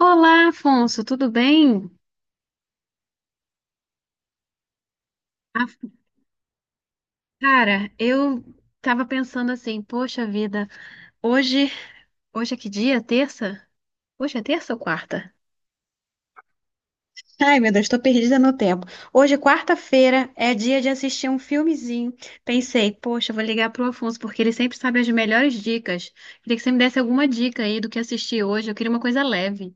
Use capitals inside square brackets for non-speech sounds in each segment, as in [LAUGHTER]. Olá, Afonso, tudo bem? Ah, cara, eu tava pensando assim, poxa vida, hoje, hoje é que dia? Terça? Hoje é terça ou quarta? Ai, meu Deus, tô perdida no tempo. Hoje, quarta-feira, é dia de assistir um filmezinho. Pensei, poxa, vou ligar pro Afonso, porque ele sempre sabe as melhores dicas. Queria que você me desse alguma dica aí do que assistir hoje. Eu queria uma coisa leve.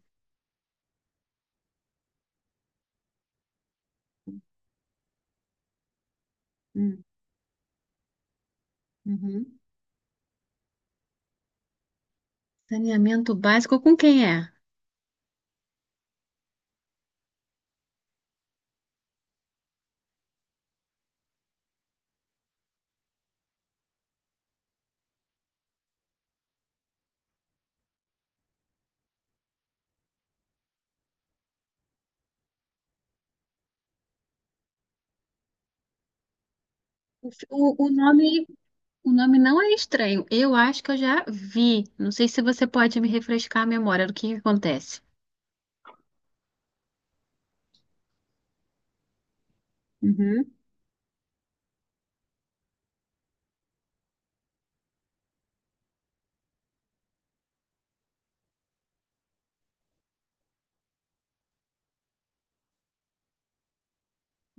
Hum, uhum. Saneamento básico com quem é? O, fi- o nome O nome não é estranho. Eu acho que eu já vi. Não sei se você pode me refrescar a memória do que acontece. Uhum,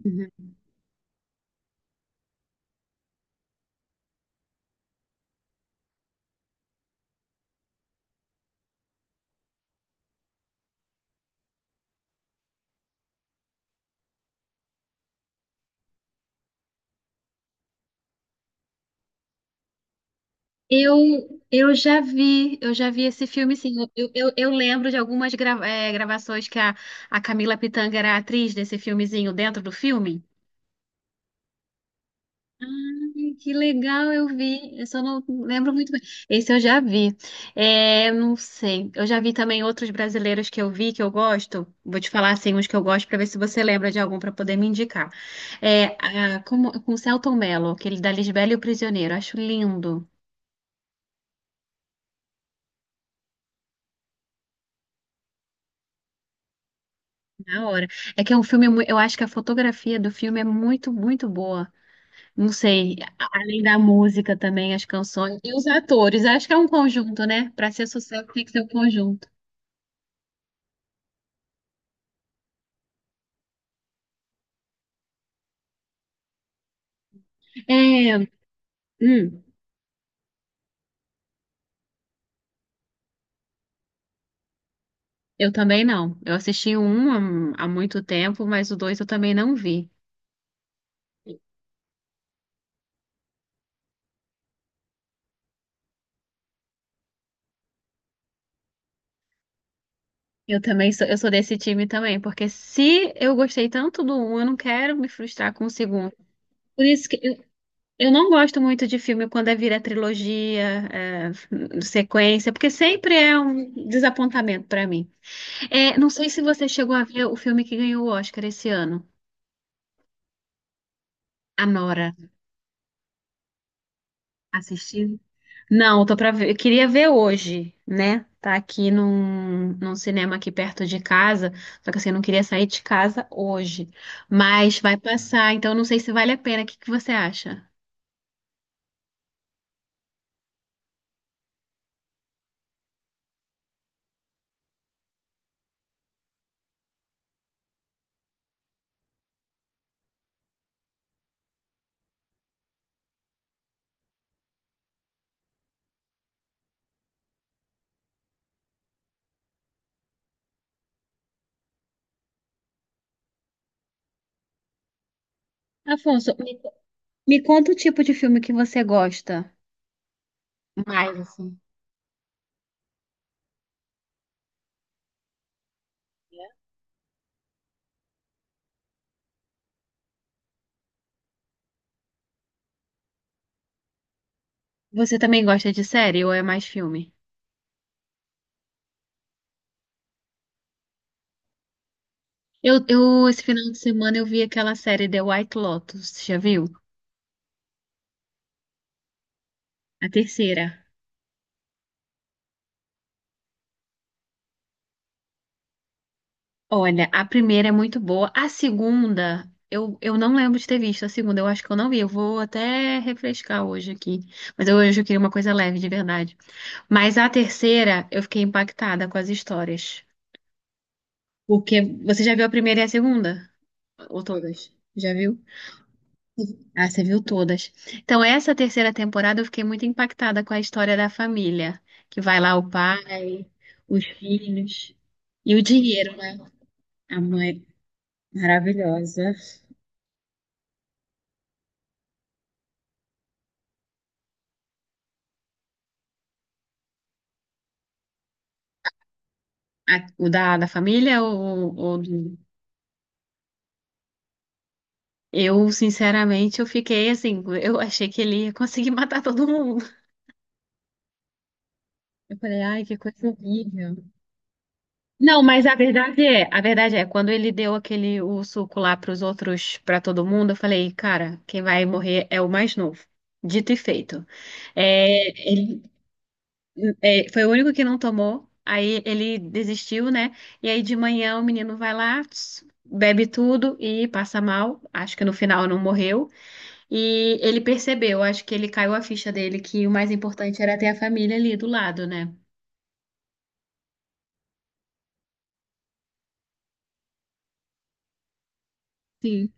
uhum. Eu, eu já vi, eu já vi esse filme, sim. Eu lembro de algumas gravações que a Camila Pitanga era a atriz desse filmezinho dentro do filme. Ai, que legal, eu vi. Eu só não lembro muito bem. Esse eu já vi. É, não sei. Eu já vi também outros brasileiros que eu vi, que eu gosto. Vou te falar assim, uns que eu gosto, para ver se você lembra de algum para poder me indicar. Como, com Selton Mello, aquele da Lisbela e o Prisioneiro. Acho lindo. Na hora. É que é um filme. Eu acho que a fotografia do filme é muito, muito boa. Não sei. Além da música também, as canções. E os atores. Acho que é um conjunto, né? Para ser sucesso tem que ser um conjunto. É. Hum. Eu também não. Eu assisti o um há muito tempo, mas o dois eu também não vi. Eu também sou, eu sou desse time também, porque se eu gostei tanto do um, eu não quero me frustrar com o segundo. Por isso que Eu não gosto muito de filme quando é vira trilogia, é, sequência, porque sempre é um desapontamento pra mim. É, não sei se você chegou a ver o filme que ganhou o Oscar esse ano, Anora. Assistiu? Não, tô pra ver. Eu queria ver hoje, né? Tá aqui num cinema aqui perto de casa. Só que assim, eu não queria sair de casa hoje. Mas vai passar, então não sei se vale a pena. O que que você acha? Afonso, me conta o tipo de filme que você gosta mais, assim. Você também gosta de série ou é mais filme? Esse final de semana eu vi aquela série The White Lotus, já viu? A terceira. Olha, a primeira é muito boa. A segunda, eu não lembro de ter visto a segunda. Eu acho que eu não vi. Eu vou até refrescar hoje aqui. Hoje eu queria uma coisa leve, de verdade. Mas a terceira, eu fiquei impactada com as histórias. Porque você já viu a primeira e a segunda? Ou todas? Já viu? Ah, você viu todas. Então, essa terceira temporada, eu fiquei muito impactada com a história da família. Que vai lá o pai, os filhos e o dinheiro, né? A mãe maravilhosa. O da família, ou do- eu, sinceramente, eu fiquei assim, eu achei que ele ia conseguir [LAUGHS] matar todo mundo. Eu falei, ai, que coisa horrível. Não, mas a verdade é, quando ele deu aquele o suco lá pros outros, pra todo mundo, eu falei, cara, quem vai morrer é o mais novo. Dito e feito. É, ele, É, foi o único que não tomou. Aí ele desistiu, né? E aí de manhã o menino vai lá, tss, bebe tudo e passa mal. Acho que no final não morreu. E ele percebeu, acho que ele caiu a ficha dele que o mais importante era ter a família ali do lado, né? Sim.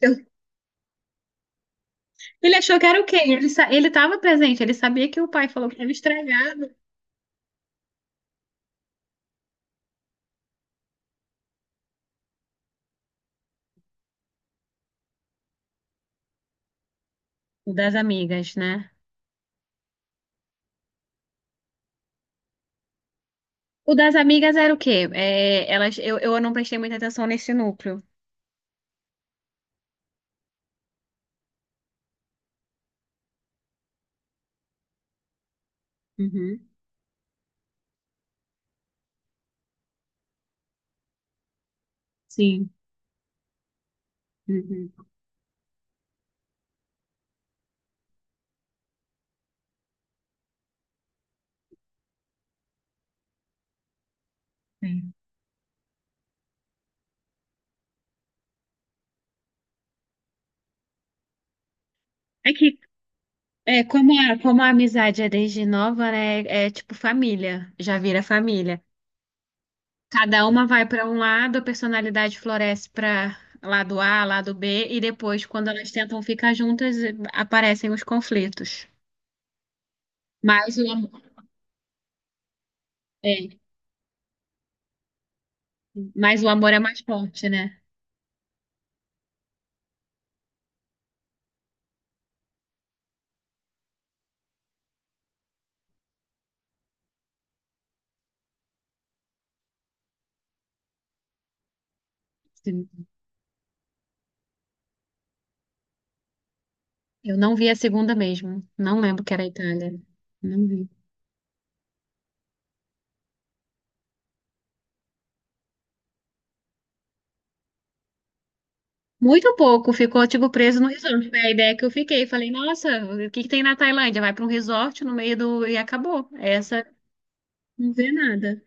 Eu- Ele achou que era o quê? Ele ele estava presente, ele sabia que o pai falou que estava estragado o das amigas, né? O das amigas era o quê? É, elas, eu não prestei muita atenção nesse núcleo. Uhum. Sim. Uhum. Sim. É que, É, como como a amizade é desde nova, né? É tipo família, já vira família. Cada uma vai para um lado, a personalidade floresce para lado A, lado B, e depois, quando elas tentam ficar juntas, aparecem os conflitos. Mas o, am- É, mas o amor é mais forte, né? Sim. Eu não vi a segunda mesmo. Não lembro que era a Itália. Não vi. Muito pouco, ficou tipo preso no resort. Foi a ideia que eu fiquei. Falei, nossa, o que que tem na Tailândia? Vai para um resort no meio do. E acabou. Essa não vê nada.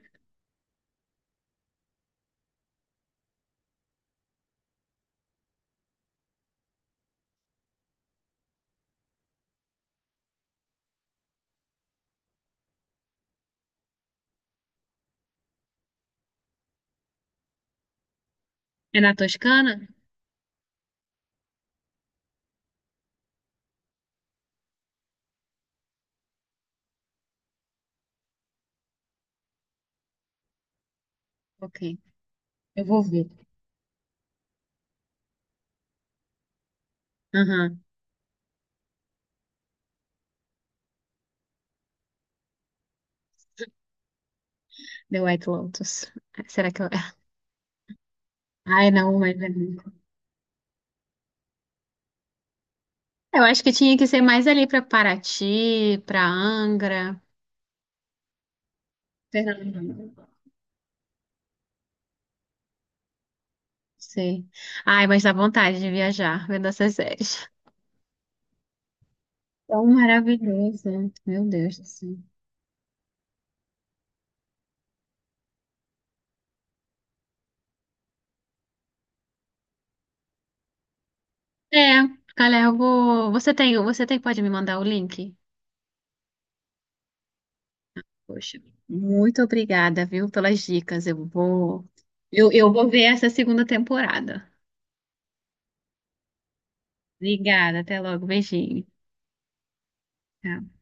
É na Toscana? Ok, eu vou ver. Aham. The White Lotus. Será que eu... Ai, não, mas... é muito. Eu acho que tinha que ser mais ali pra Paraty, pra Angra. Fernando. Sei. Ai, mas dá vontade de viajar vendo essas séries. Tão maravilhoso. Meu Deus do céu. É, galera, eu vou... você tem, pode me mandar o link? Poxa, muito obrigada, viu, pelas dicas. Eu vou... Eu vou ver essa segunda temporada. Obrigada, até logo. Beijinho. Tchau.